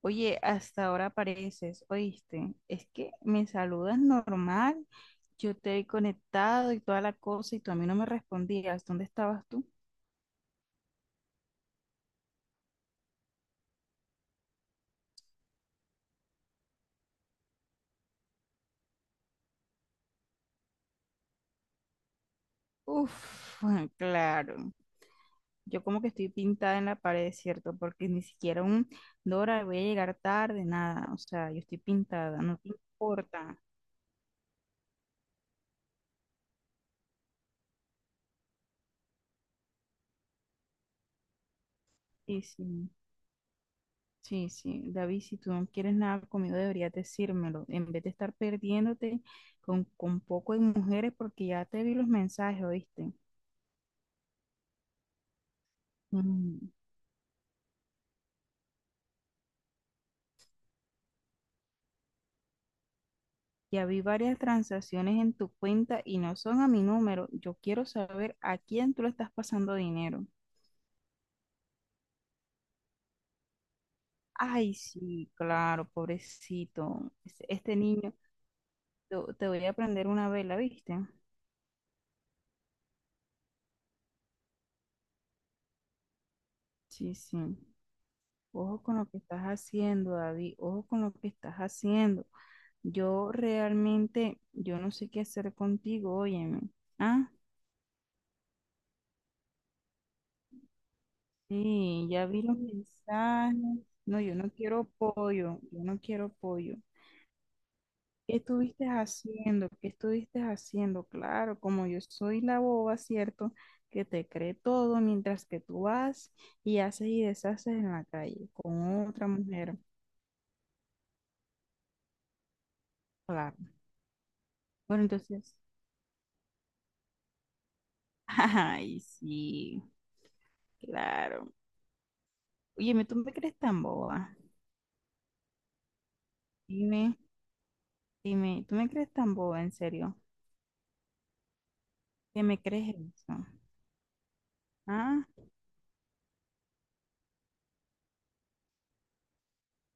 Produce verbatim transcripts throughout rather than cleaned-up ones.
Oye, hasta ahora apareces, ¿oíste? Es que me saludas normal, yo te he conectado y toda la cosa y tú a mí no me respondías. ¿Dónde estabas tú? Uf, claro. Yo como que estoy pintada en la pared, ¿cierto? Porque ni siquiera un Dora, voy a llegar tarde, nada. O sea, yo estoy pintada, no te importa. Sí, sí. Sí, sí, David, si tú no quieres nada conmigo, deberías decírmelo, en vez de estar perdiéndote con, con poco de mujeres, porque ya te vi los mensajes, ¿oíste? Mm. Ya vi varias transacciones en tu cuenta y no son a mi número. Yo quiero saber a quién tú le estás pasando dinero. Ay, sí, claro, pobrecito. Este, este niño, te, te voy a prender una vela, ¿viste? Sí, sí. Ojo con lo que estás haciendo, David. Ojo con lo que estás haciendo. Yo realmente, yo no sé qué hacer contigo, óyeme. Ah, sí, ya vi los mensajes. No, yo no quiero pollo, yo no quiero pollo. ¿Qué estuviste haciendo? ¿Qué estuviste haciendo? Claro, como yo soy la boba, ¿cierto? Que te cree todo mientras que tú vas y haces y deshaces en la calle con otra mujer. Claro. Bueno, entonces, ay, sí. Claro. Oye, ¿me ¿tú me crees tan boba? Dime, dime, ¿tú me crees tan boba, en serio? ¿Qué me crees eso? Ah,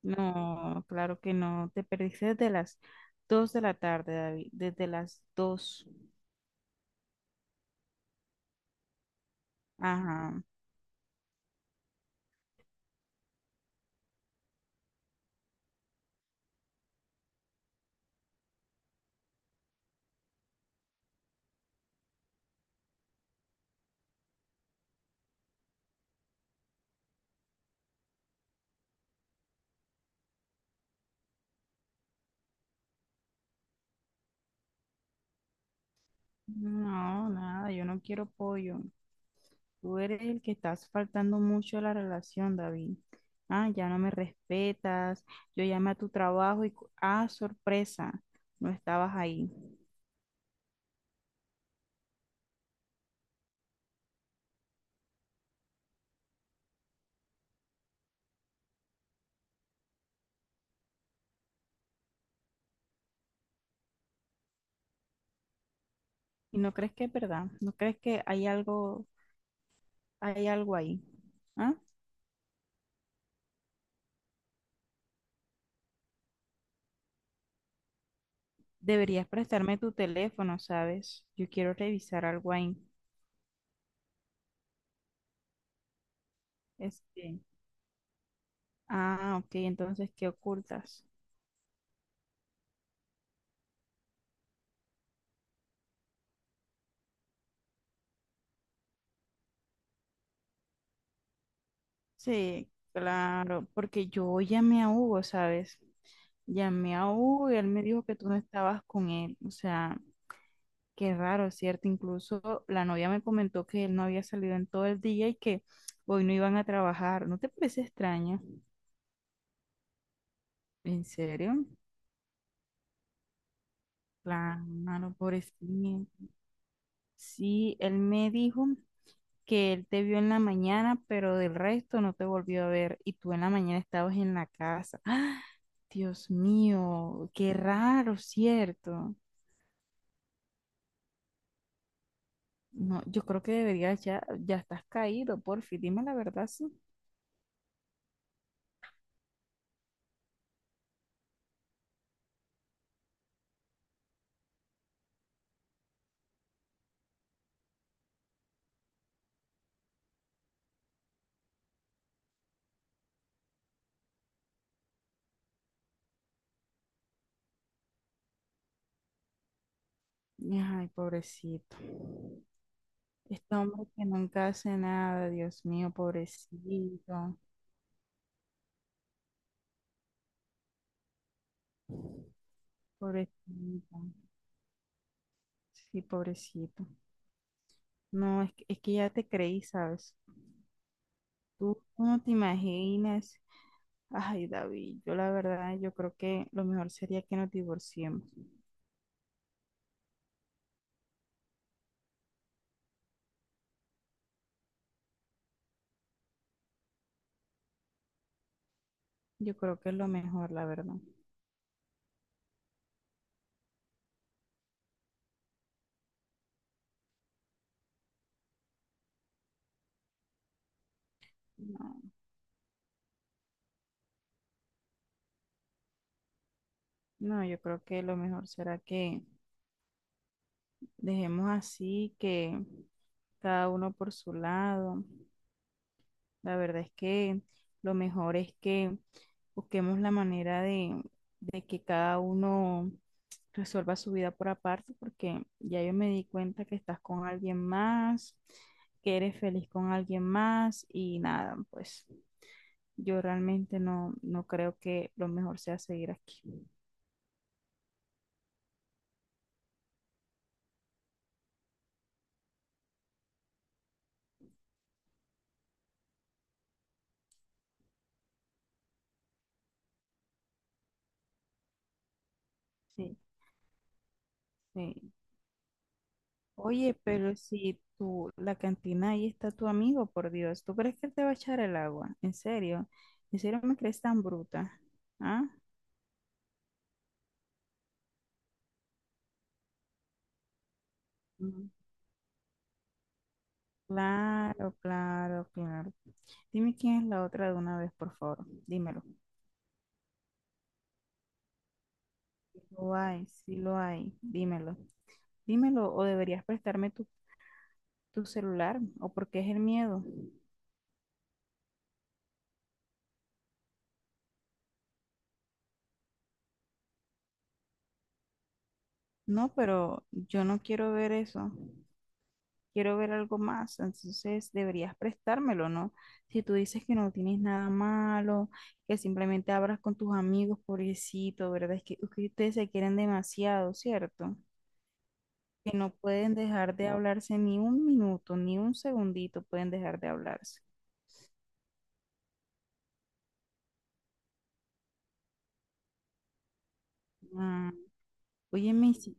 no, claro que no. Te perdiste desde las dos de la tarde, David. Desde las dos. Ajá. No, nada, yo no quiero pollo. Tú eres el que estás faltando mucho a la relación, David. Ah, ya no me respetas. Yo llamé a tu trabajo y, cu- ah, sorpresa, no estabas ahí. ¿Y no crees que es verdad? ¿No crees que hay algo, hay algo ahí? ¿Ah? Deberías prestarme tu teléfono, ¿sabes? Yo quiero revisar algo ahí. Este, ah, ok, entonces, ¿qué ocultas? Sí, claro, porque yo llamé a Hugo, ¿sabes? Llamé a Hugo y él me dijo que tú no estabas con él. O sea, qué raro, ¿cierto? Incluso la novia me comentó que él no había salido en todo el día y que hoy no iban a trabajar. ¿No te parece extraño? ¿En serio? Claro, pobrecito. Sí, él me dijo que él te vio en la mañana, pero del resto no te volvió a ver y tú en la mañana estabas en la casa. ¡Ah! Dios mío, qué raro, ¿cierto? No, yo creo que deberías ya, ya estás caído, porfi, dime la verdad, sí. Ay, pobrecito. Este hombre que nunca hace nada, Dios mío, pobrecito, pobrecito. Sí, pobrecito. No, es que, es que ya te creí, ¿sabes? Tú no te imaginas. Ay, David, yo la verdad, yo creo que lo mejor sería que nos divorciemos. Yo creo que es lo mejor, la verdad. No, no, yo creo que lo mejor será que dejemos así, que cada uno por su lado. La verdad es que lo mejor es que busquemos la manera de, de que cada uno resuelva su vida por aparte, porque ya yo me di cuenta que estás con alguien más, que eres feliz con alguien más y nada, pues yo realmente no, no creo que lo mejor sea seguir aquí. Sí, sí. Oye, pero si tú, la cantina ahí está tu amigo, por Dios, ¿tú crees que él te va a echar el agua? ¿En serio? ¿En serio me crees tan bruta? ¿Ah? Mm. Claro, claro, claro. Dime quién es la otra de una vez, por favor. Dímelo. Lo hay, sí lo hay. Dímelo. Dímelo, o deberías prestarme tu, tu celular, o porque es el miedo. No, pero yo no quiero ver eso. Quiero ver algo más. Entonces deberías prestármelo, ¿no? Si tú dices que no tienes nada malo, que simplemente hablas con tus amigos, pobrecito, ¿verdad? Es que es que ustedes se quieren demasiado, ¿cierto? Que no pueden dejar de hablarse ni un minuto, ni un segundito pueden dejar de hablarse. Mm, óyeme, y si,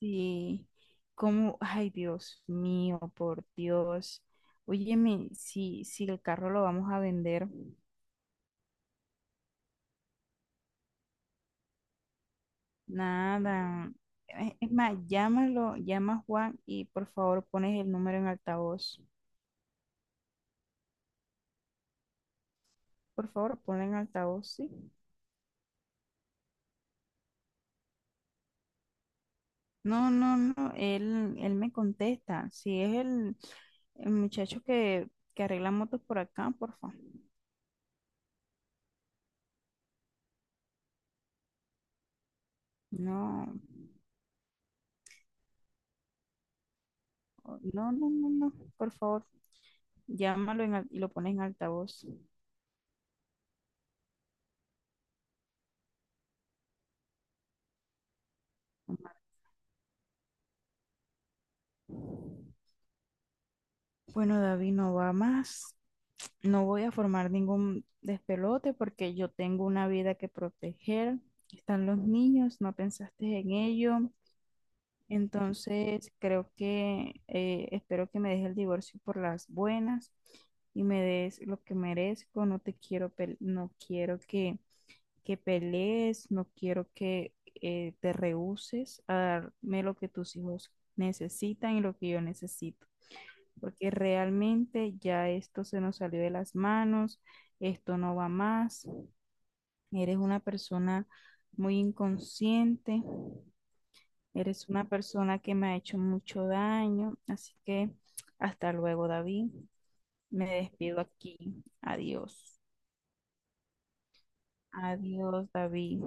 si- cómo, ay Dios mío, por Dios. Óyeme, si, si el carro lo vamos a vender, nada. Eh, Es más, llámalo, llama a Juan y por favor pones el número en altavoz. Por favor, ponlo en altavoz, ¿sí? No, no, no, él, él me contesta. Si es el, el muchacho que, que arregla motos por acá, por favor. No, no, no, no, no, por favor, llámalo en al- y lo pones en altavoz. Bueno, David, no va más. No voy a formar ningún despelote porque yo tengo una vida que proteger. Están los niños, no pensaste en ello. Entonces, creo que eh, espero que me dejes el divorcio por las buenas y me des lo que merezco. No te quiero, pel- no quiero que, que pelees, no quiero que eh, te rehúses a darme lo que tus hijos necesitan y lo que yo necesito, porque realmente ya esto se nos salió de las manos, esto no va más. Eres una persona muy inconsciente. Eres una persona que me ha hecho mucho daño, así que hasta luego, David. Me despido aquí. Adiós. Adiós, David.